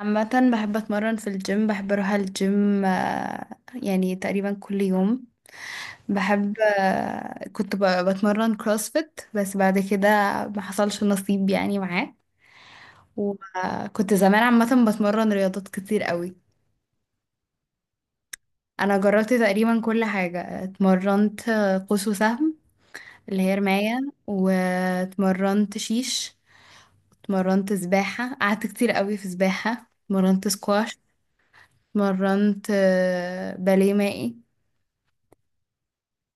عامة بحب أتمرن في الجيم، بحب أروح الجيم. يعني تقريبا كل يوم. بحب كنت بتمرن كروسفيت، بس بعد كده ما حصلش نصيب يعني معاه. وكنت زمان عامة بتمرن رياضات كتير قوي. أنا جربت تقريبا كل حاجة، اتمرنت قوس وسهم اللي هي رماية. واتمرنت شيش، اتمرنت سباحة، قعدت كتير قوي في سباحة، اتمرنت سكواش، اتمرنت باليه مائي،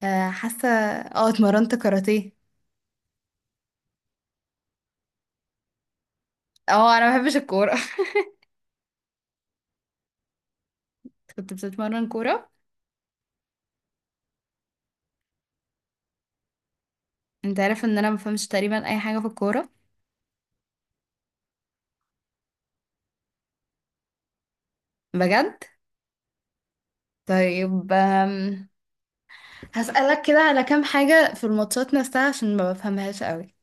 حاسه اتمرنت كاراتيه. اه، انا ما بحبش الكوره. كنت بتتمرن كوره؟ انت عارف ان انا ما بفهمش تقريبا اي حاجه في الكوره؟ بجد. طيب، هسألك كده على كام حاجه في الماتشات نفسها عشان ما بفهمهاش قوي.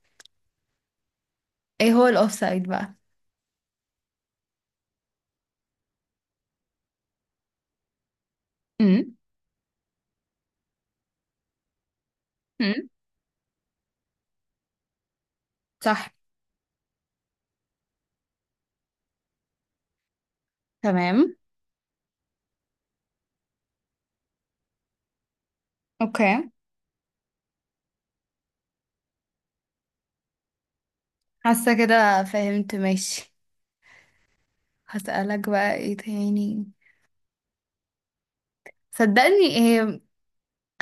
ايه هو الاوفسايد بقى؟ امم. امم. صح. تمام. اوكي. حاسه كده فهمت، ماشي. هسألك بقى ايه تاني؟ صدقني ايه.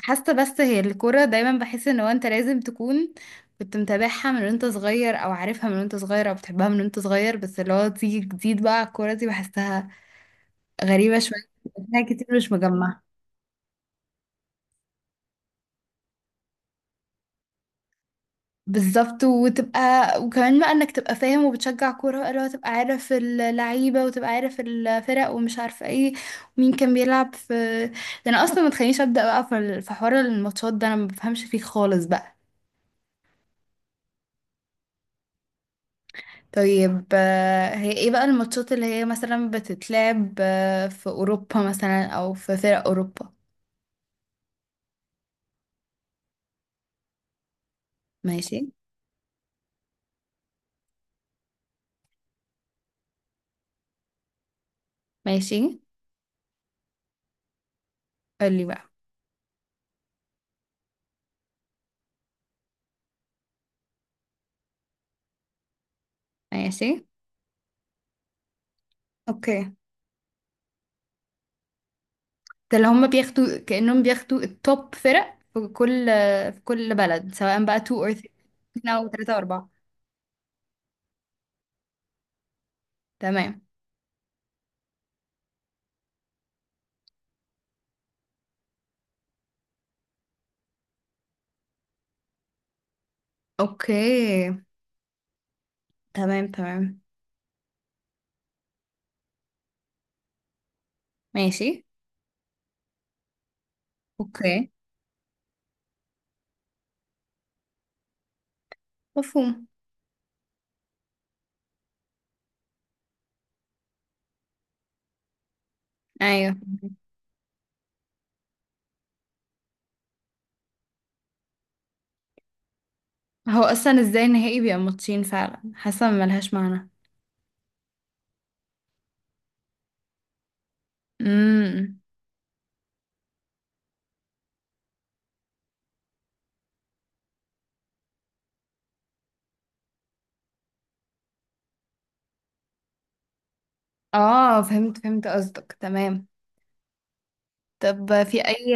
حاسه بس هي الكوره دايما بحس ان هو انت لازم تكون كنت متابعها من وانت صغير، او عارفها من وانت صغير، او بتحبها من وانت صغير، بس اللي هو تيجي جديد بقى على الكوره دي بحسها غريبه شويه، بحسها كتير مش مجمعه. بالظبط، وتبقى وكمان بقى انك تبقى فاهم وبتشجع كوره بقى، اللي هو تبقى عارف اللعيبه وتبقى عارف الفرق ومش عارفه ايه، مين كان بيلعب في. ده انا اصلا ما تخلينيش ابدا بقى في حوار الماتشات. ده انا ما بفهمش فيه خالص بقى. طيب، هي ايه بقى الماتشات اللي هي مثلا بتتلعب في اوروبا مثلا، او في فرق اوروبا؟ ماشي. ماشي. قولي بقى. ماشي، اوكي. ده اللي هم بياخدوا، كأنهم بياخدوا التوب فرق في كل بلد، سواء بقى 2 or 3 او 3 او 4. تمام. اوكي. تمام، تمام، ماشي، اوكي. مفهوم. ايوه. هو اصلا ازاي النهائي بيبقى ماتشين؟ فعلا حاسه ملهاش معنى. امم. اه، فهمت، فهمت قصدك، تمام. طب في اي،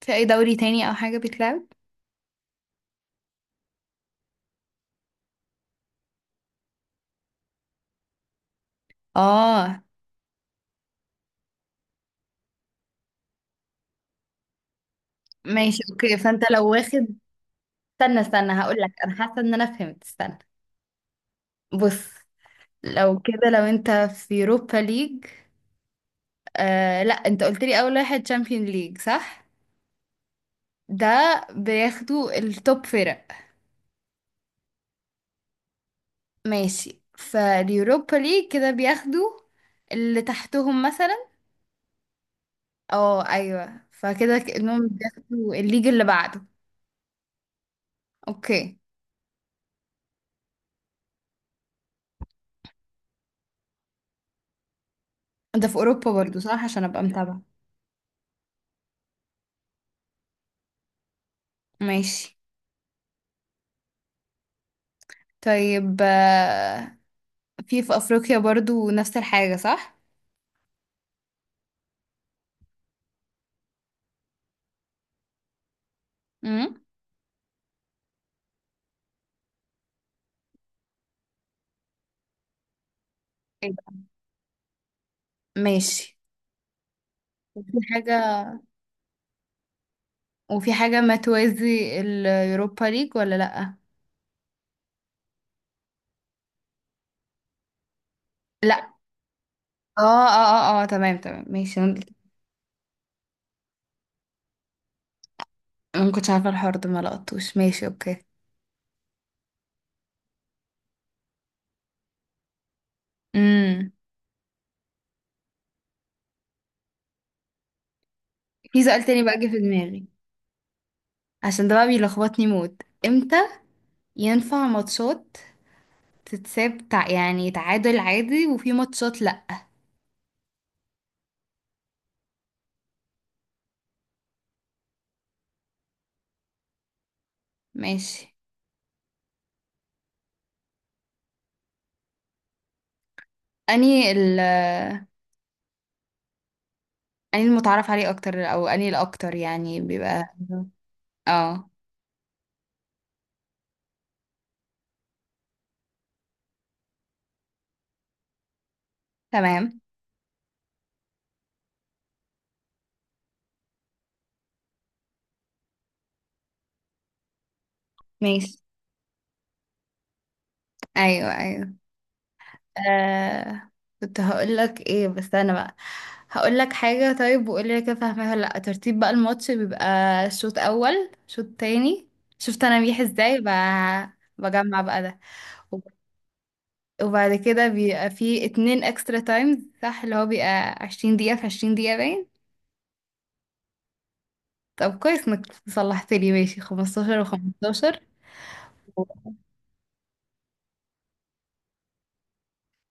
في اي دوري تاني او حاجة بيتلعب؟ اه. ماشي، اوكي. فانت لو واخد، استنى، استنى، هقول لك، انا حاسة ان انا فهمت. استنى. بص، لو كده، لو انت في يوروبا ليج. لا، انت قلت لي اول واحد تشامبيون ليج، صح؟ ده بياخدوا التوب فرق. ماشي، فاليوروبا ليج كده بياخدوا اللي تحتهم مثلا. اه، ايوه، فكده كأنهم بياخدوا الليج اللي بعده. اوكي. ده في اوروبا برضو، صح؟ عشان ابقى متابعة. ماشي. طيب، في افريقيا برضو نفس الحاجة، صح؟ امم. إيه بقى؟ ماشي. وفي حاجة وفي حاجة ما توازي اليوروبا ليج ولا لأ؟ لا. اه، اه. اه، اه، تمام، تمام، ماشي، انا. أنا ما كنتش عارفة الحوار ده، ما لقطوش. ماشي، اوكي. امم. في سؤال تاني بقى جه في دماغي. عشان ده بقى بيلخبطني موت. امتى ينفع ماتشات تتساب يعني تعادل عادي، وفي ماتشات لا؟ ماشي. اني ال اني المتعارف عليه اكتر، او اني الاكتر يعني بيبقى مهم. اه. تمام. ماشي. ايوه، ايوه. آه... كنت هقول لك ايه بس انا بقى. هقول لك حاجه، طيب، وقول لي كده فاهمها ولا لا. ترتيب بقى الماتش بيبقى شوط اول شوط تاني. شفت انا بيح ازاي بجمع بقى ده. وب- وبعد كده بيبقى فيه اتنين اكسترا تايمز، صح؟ اللي هو بيبقى 20 دقيقه في 20 دقيقه باين. طب كويس انك صلحت لي، ماشي، 15 و15.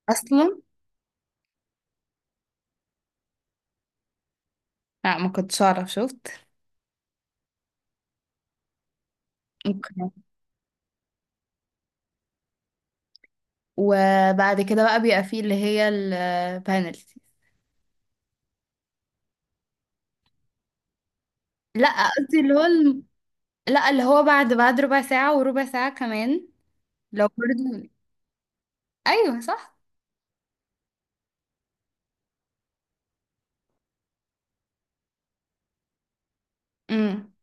اصلا. لا، ما كنتش اعرف، شفت. اوكي. وبعد كده بقى بيبقى فيه اللي هي البانلتي. لا، قصدي اللي هو لا، اللي هو بعد ربع ساعة وربع ساعة كمان، لو برضه. ايوه، صح. امم.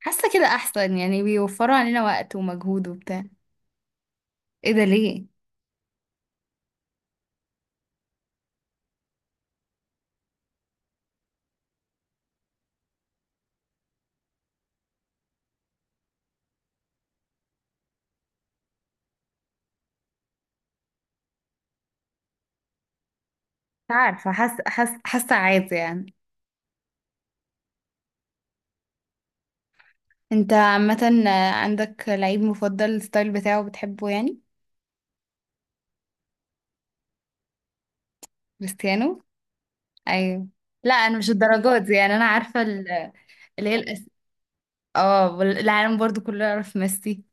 حاسة كده احسن، يعني بيوفروا علينا وقت ومجهود وبتاع. ايه ده؟ ليه؟ مش عارفة، حاسة عادي يعني. انت عامة عندك لعيب مفضل الستايل بتاعه بتحبه يعني؟ كريستيانو. ايوه. لا، انا مش الدرجات دي يعني، انا عارفه اللي هي اه، العالم برضو كله يعرف ميسي.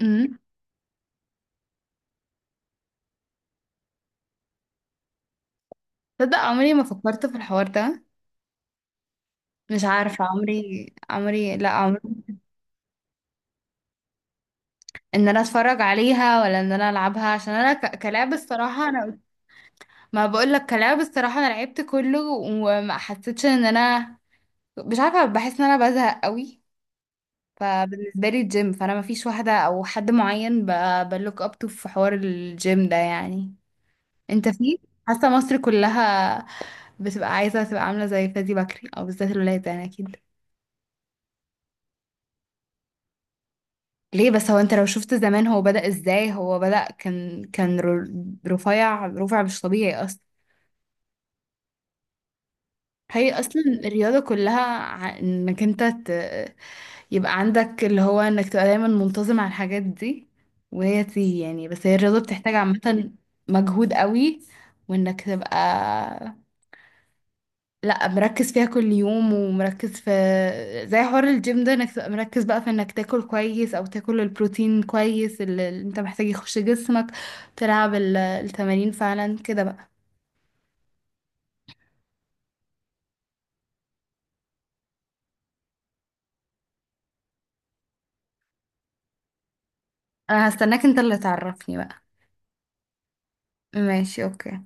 امم. تصدق عمري ما فكرت في الحوار ده. مش عارفه، عمري، عمري، لا، عمري. ان انا اتفرج عليها ولا ان انا العبها؟ عشان انا كلعب الصراحه انا. ما بقول لك، كلعب الصراحه، انا لعبت كله وما حسيتش ان انا، مش عارفه، بحس ان انا بزهق قوي. فبالنسبه لي الجيم، فانا ما فيش واحده او حد معين بلوك اب تو في حوار الجيم ده يعني. انت في، حاسه مصر كلها بتبقى عايزه تبقى عامله زي فادي بكري، او بالذات الولاد يعني، اكيد. ليه بس؟ هو انت لو شفت زمان هو بدأ ازاي، هو بدأ كان رفيع، رفع مش طبيعي اصلا. هي اصلا الرياضه كلها انك انت يبقى عندك اللي هو انك تبقى دايما منتظم على الحاجات دي، وهي تيجي يعني، بس هي الرياضه بتحتاج عامه مجهود قوي، وانك تبقى لا مركز فيها كل يوم، ومركز في، زي حوار الجيم ده، انك تبقى مركز بقى في انك تاكل كويس، او تاكل البروتين كويس، اللي انت محتاج يخش جسمك، تلعب التمارين فعلا كده بقى. انا هستناك انت اللي تعرفني بقى. ماشي، اوكي.